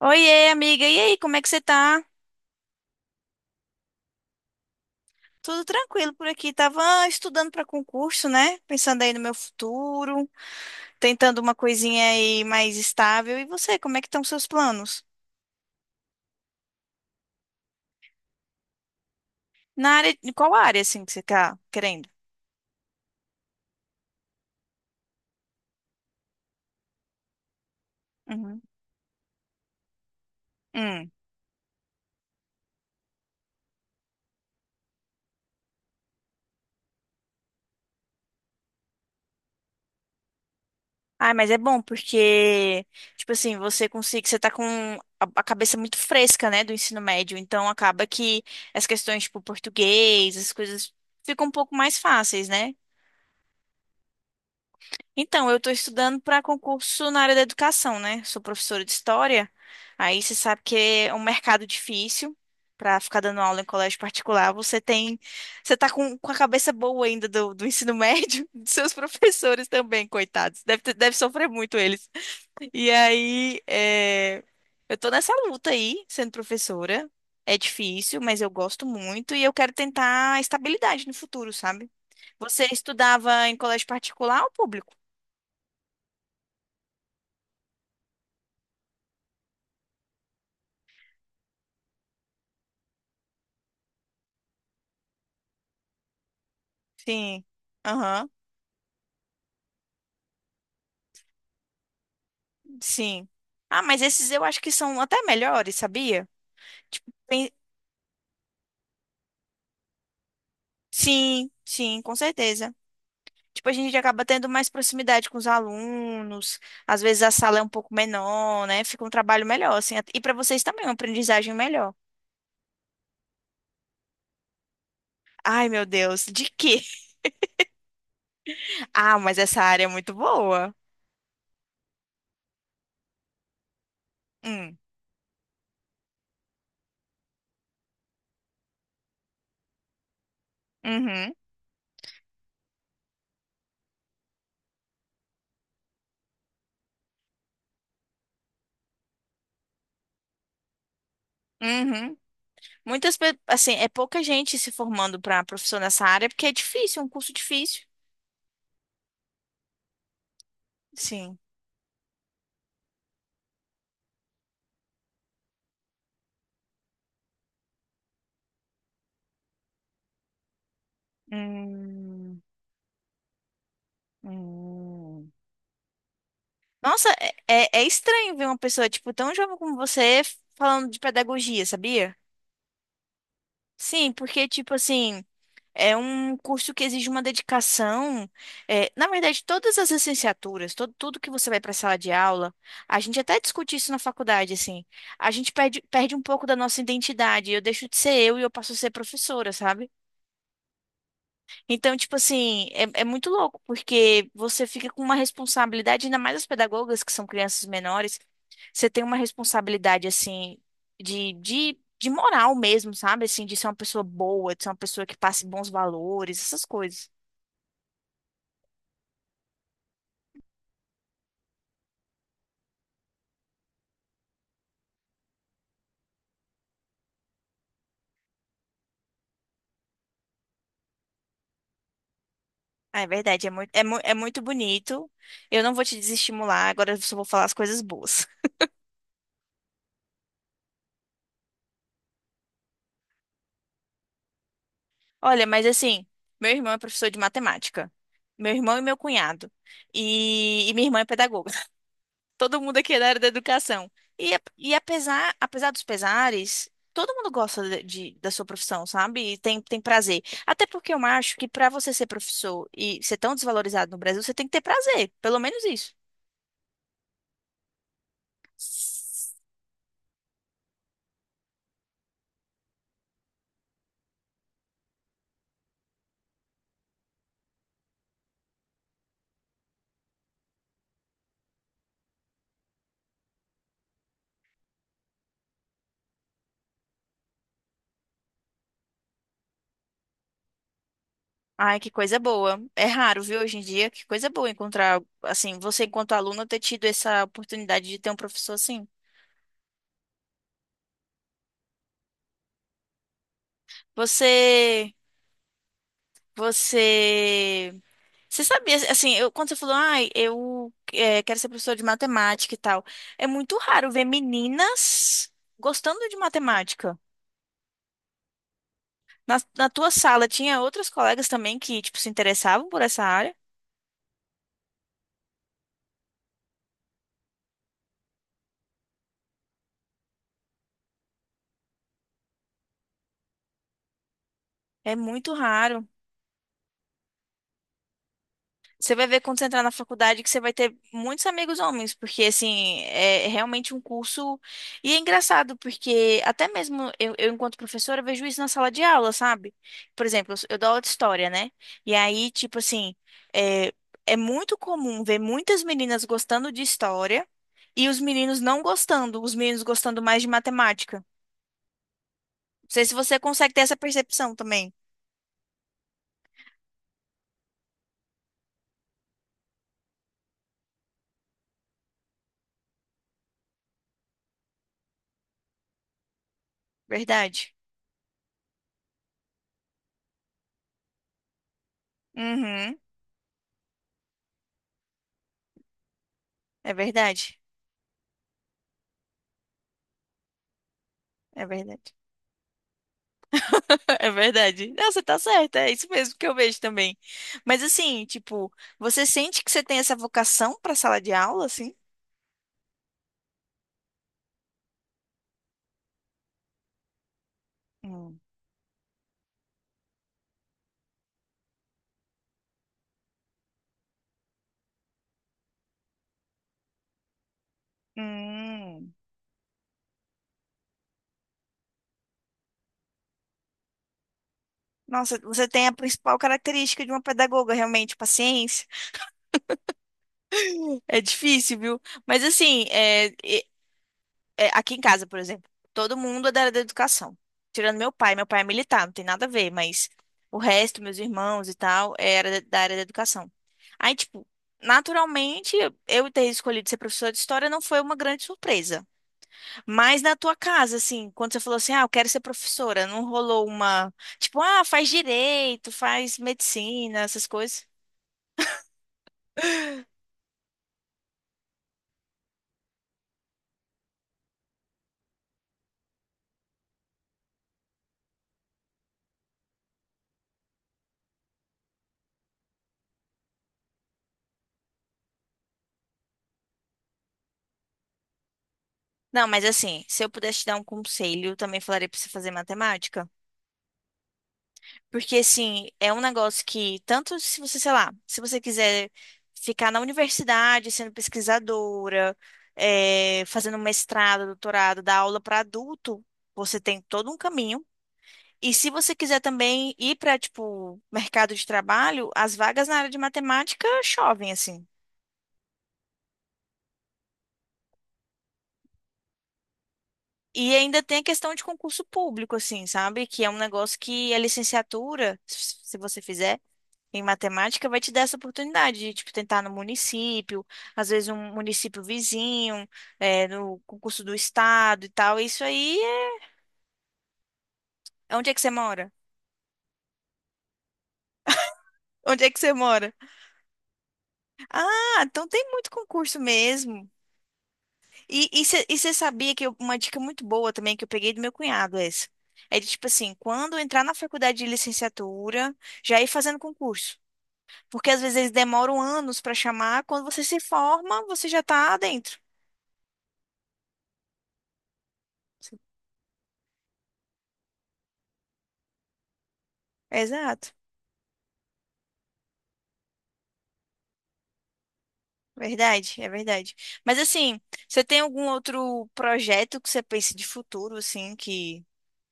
Oiê, amiga. E aí, como é que você tá? Tudo tranquilo por aqui. Tava estudando para concurso, né? Pensando aí no meu futuro, tentando uma coisinha aí mais estável. E você, como é que estão seus planos? Na área, em qual área assim que você tá querendo? Uhum. Hum. Ai, mas é bom porque, tipo assim, você consegue, você tá com a cabeça muito fresca, né, do ensino médio, então acaba que as questões, tipo, português, as coisas ficam um pouco mais fáceis, né? Então, eu estou estudando para concurso na área da educação, né? Sou professora de história. Aí você sabe que é um mercado difícil para ficar dando aula em colégio particular. Você tem, você tá com a cabeça boa ainda do, do ensino médio, dos seus professores também, coitados. Deve, deve sofrer muito eles. E aí, eu estou nessa luta aí, sendo professora. É difícil, mas eu gosto muito e eu quero tentar estabilidade no futuro, sabe? Você estudava em colégio particular ou público? Sim. Aham. Sim. Ah, mas esses eu acho que são até melhores, sabia? Tipo, tem- sim, sim, com certeza. Tipo, a gente acaba tendo mais proximidade com os alunos. Às vezes a sala é um pouco menor, né? Fica um trabalho melhor, assim. E para vocês também, é uma aprendizagem melhor. Ai, meu Deus, de quê? Ah, mas essa área é muito boa. Hum. Uhum. Uhum. Assim, é pouca gente se formando para professor nessa área porque é difícil, é um curso difícil. Sim. Hum. Hum. Nossa, é estranho ver uma pessoa, tipo, tão jovem como você falando de pedagogia, sabia? Sim, porque, tipo assim, é um curso que exige uma dedicação. É, na verdade, todas as licenciaturas, todo, tudo que você vai para a sala de aula, a gente até discute isso na faculdade, assim. A gente perde um pouco da nossa identidade. Eu deixo de ser eu e eu passo a ser professora, sabe? Então, tipo assim, é muito louco, porque você fica com uma responsabilidade, ainda mais as pedagogas, que são crianças menores, você tem uma responsabilidade, assim, de moral mesmo, sabe? Assim, de ser uma pessoa boa, de ser uma pessoa que passe bons valores, essas coisas. Ah, é verdade, é muito, é muito bonito. Eu não vou te desestimular, agora eu só vou falar as coisas boas. Olha, mas assim, meu irmão é professor de matemática. Meu irmão e meu cunhado. Minha irmã é pedagoga. Todo mundo aqui é da área da educação. E, apesar, apesar dos pesares, todo mundo gosta da sua profissão, sabe? E tem, tem prazer. Até porque eu acho que para você ser professor e ser tão desvalorizado no Brasil, você tem que ter prazer, pelo menos isso. Ai, que coisa boa. É raro, viu, hoje em dia? Que coisa boa encontrar, assim, você enquanto aluna ter tido essa oportunidade de ter um professor assim. Você, você Você sabia, assim, eu, quando você falou, ai, quero ser professora de matemática e tal, é muito raro ver meninas gostando de matemática. Na tua sala tinha outras colegas também que, tipo, se interessavam por essa área? É muito raro. Você vai ver quando você entrar na faculdade que você vai ter muitos amigos homens, porque assim, é realmente um curso. E é engraçado, porque até mesmo eu enquanto professora, vejo isso na sala de aula, sabe? Por exemplo, eu dou aula de história, né? E aí, tipo assim, é, é muito comum ver muitas meninas gostando de história e os meninos não gostando, os meninos gostando mais de matemática. Não sei se você consegue ter essa percepção também. Verdade? Uhum, é verdade. É verdade. É verdade. Não, você tá certa, é isso mesmo que eu vejo também. Mas assim, tipo, você sente que você tem essa vocação pra sala de aula, assim? Hum. Hum. Nossa, você tem a principal característica de uma pedagoga, realmente, paciência. É difícil, viu? Mas assim, aqui em casa, por exemplo, todo mundo é da área da educação. Tirando meu pai é militar, não tem nada a ver, mas o resto, meus irmãos e tal, era da área da educação. Aí, tipo, naturalmente, eu ter escolhido ser professora de história não foi uma grande surpresa. Mas na tua casa, assim, quando você falou assim, ah, eu quero ser professora, não rolou uma, tipo, ah, faz direito, faz medicina, essas coisas? Não, mas assim, se eu pudesse te dar um conselho, eu também falaria pra você fazer matemática. Porque, assim, é um negócio que, tanto se você, sei lá, se você quiser ficar na universidade sendo pesquisadora, fazendo mestrado, doutorado, dar aula para adulto, você tem todo um caminho. E se você quiser também ir para, tipo, mercado de trabalho, as vagas na área de matemática chovem, assim. E ainda tem a questão de concurso público, assim, sabe? Que é um negócio que a licenciatura, se você fizer, em matemática vai te dar essa oportunidade de, tipo, tentar no município, às vezes um município vizinho, no concurso do estado e tal. Isso aí é... Onde é que você mora? Onde é que você mora? Ah, então tem muito concurso mesmo. E e você sabia que uma dica muito boa também que eu peguei do meu cunhado é essa. É de tipo assim, quando entrar na faculdade de licenciatura, já ir fazendo concurso. Porque às vezes eles demoram anos para chamar, quando você se forma, você já tá dentro. Exato. Verdade, é verdade. Mas assim, você tem algum outro projeto que você pense de futuro, assim, que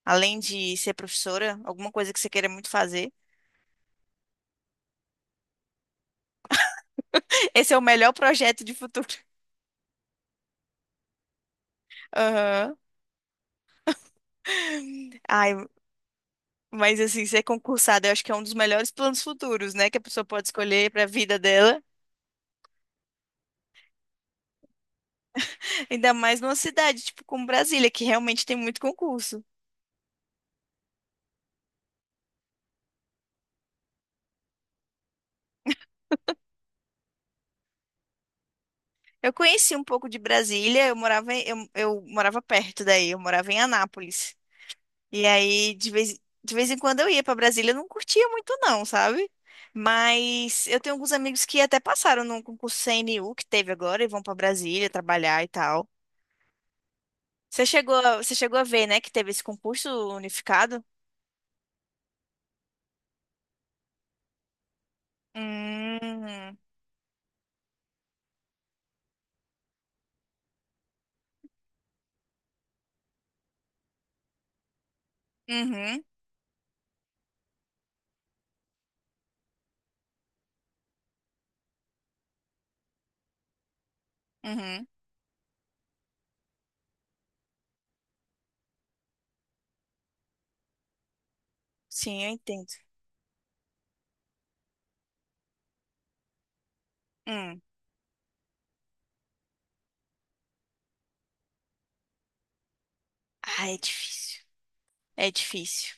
além de ser professora, alguma coisa que você queira muito fazer? Esse é o melhor projeto de futuro. Aham. Ai, mas assim, ser concursada, eu acho que é um dos melhores planos futuros, né, que a pessoa pode escolher para a vida dela. Ainda mais numa cidade tipo como Brasília, que realmente tem muito concurso. Eu conheci um pouco de Brasília, eu morava eu morava perto daí, eu morava em Anápolis. E aí, de vez em quando eu ia pra Brasília, eu não curtia muito não, sabe? Mas eu tenho alguns amigos que até passaram num concurso CNU que teve agora e vão pra Brasília trabalhar e tal. Você chegou, você chegou a ver, né, que teve esse concurso unificado? Hum, uhum, uhum. Sim, eu entendo. Hum. Ah, é difícil. É difícil.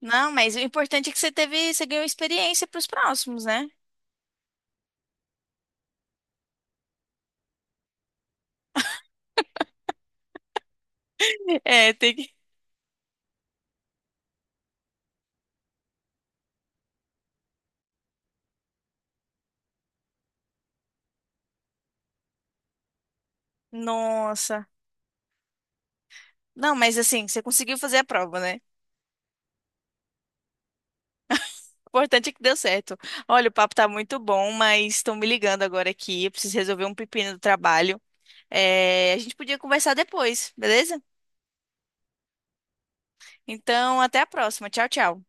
Não, mas o importante é que você teve, você ganhou experiência pros próximos, né? É, tem que... Nossa. Não, mas assim, você conseguiu fazer a prova, né? Importante é que deu certo. Olha, o papo tá muito bom, mas estão me ligando agora aqui. Eu preciso resolver um pepino do trabalho. É, a gente podia conversar depois, beleza? Então, até a próxima. Tchau, tchau.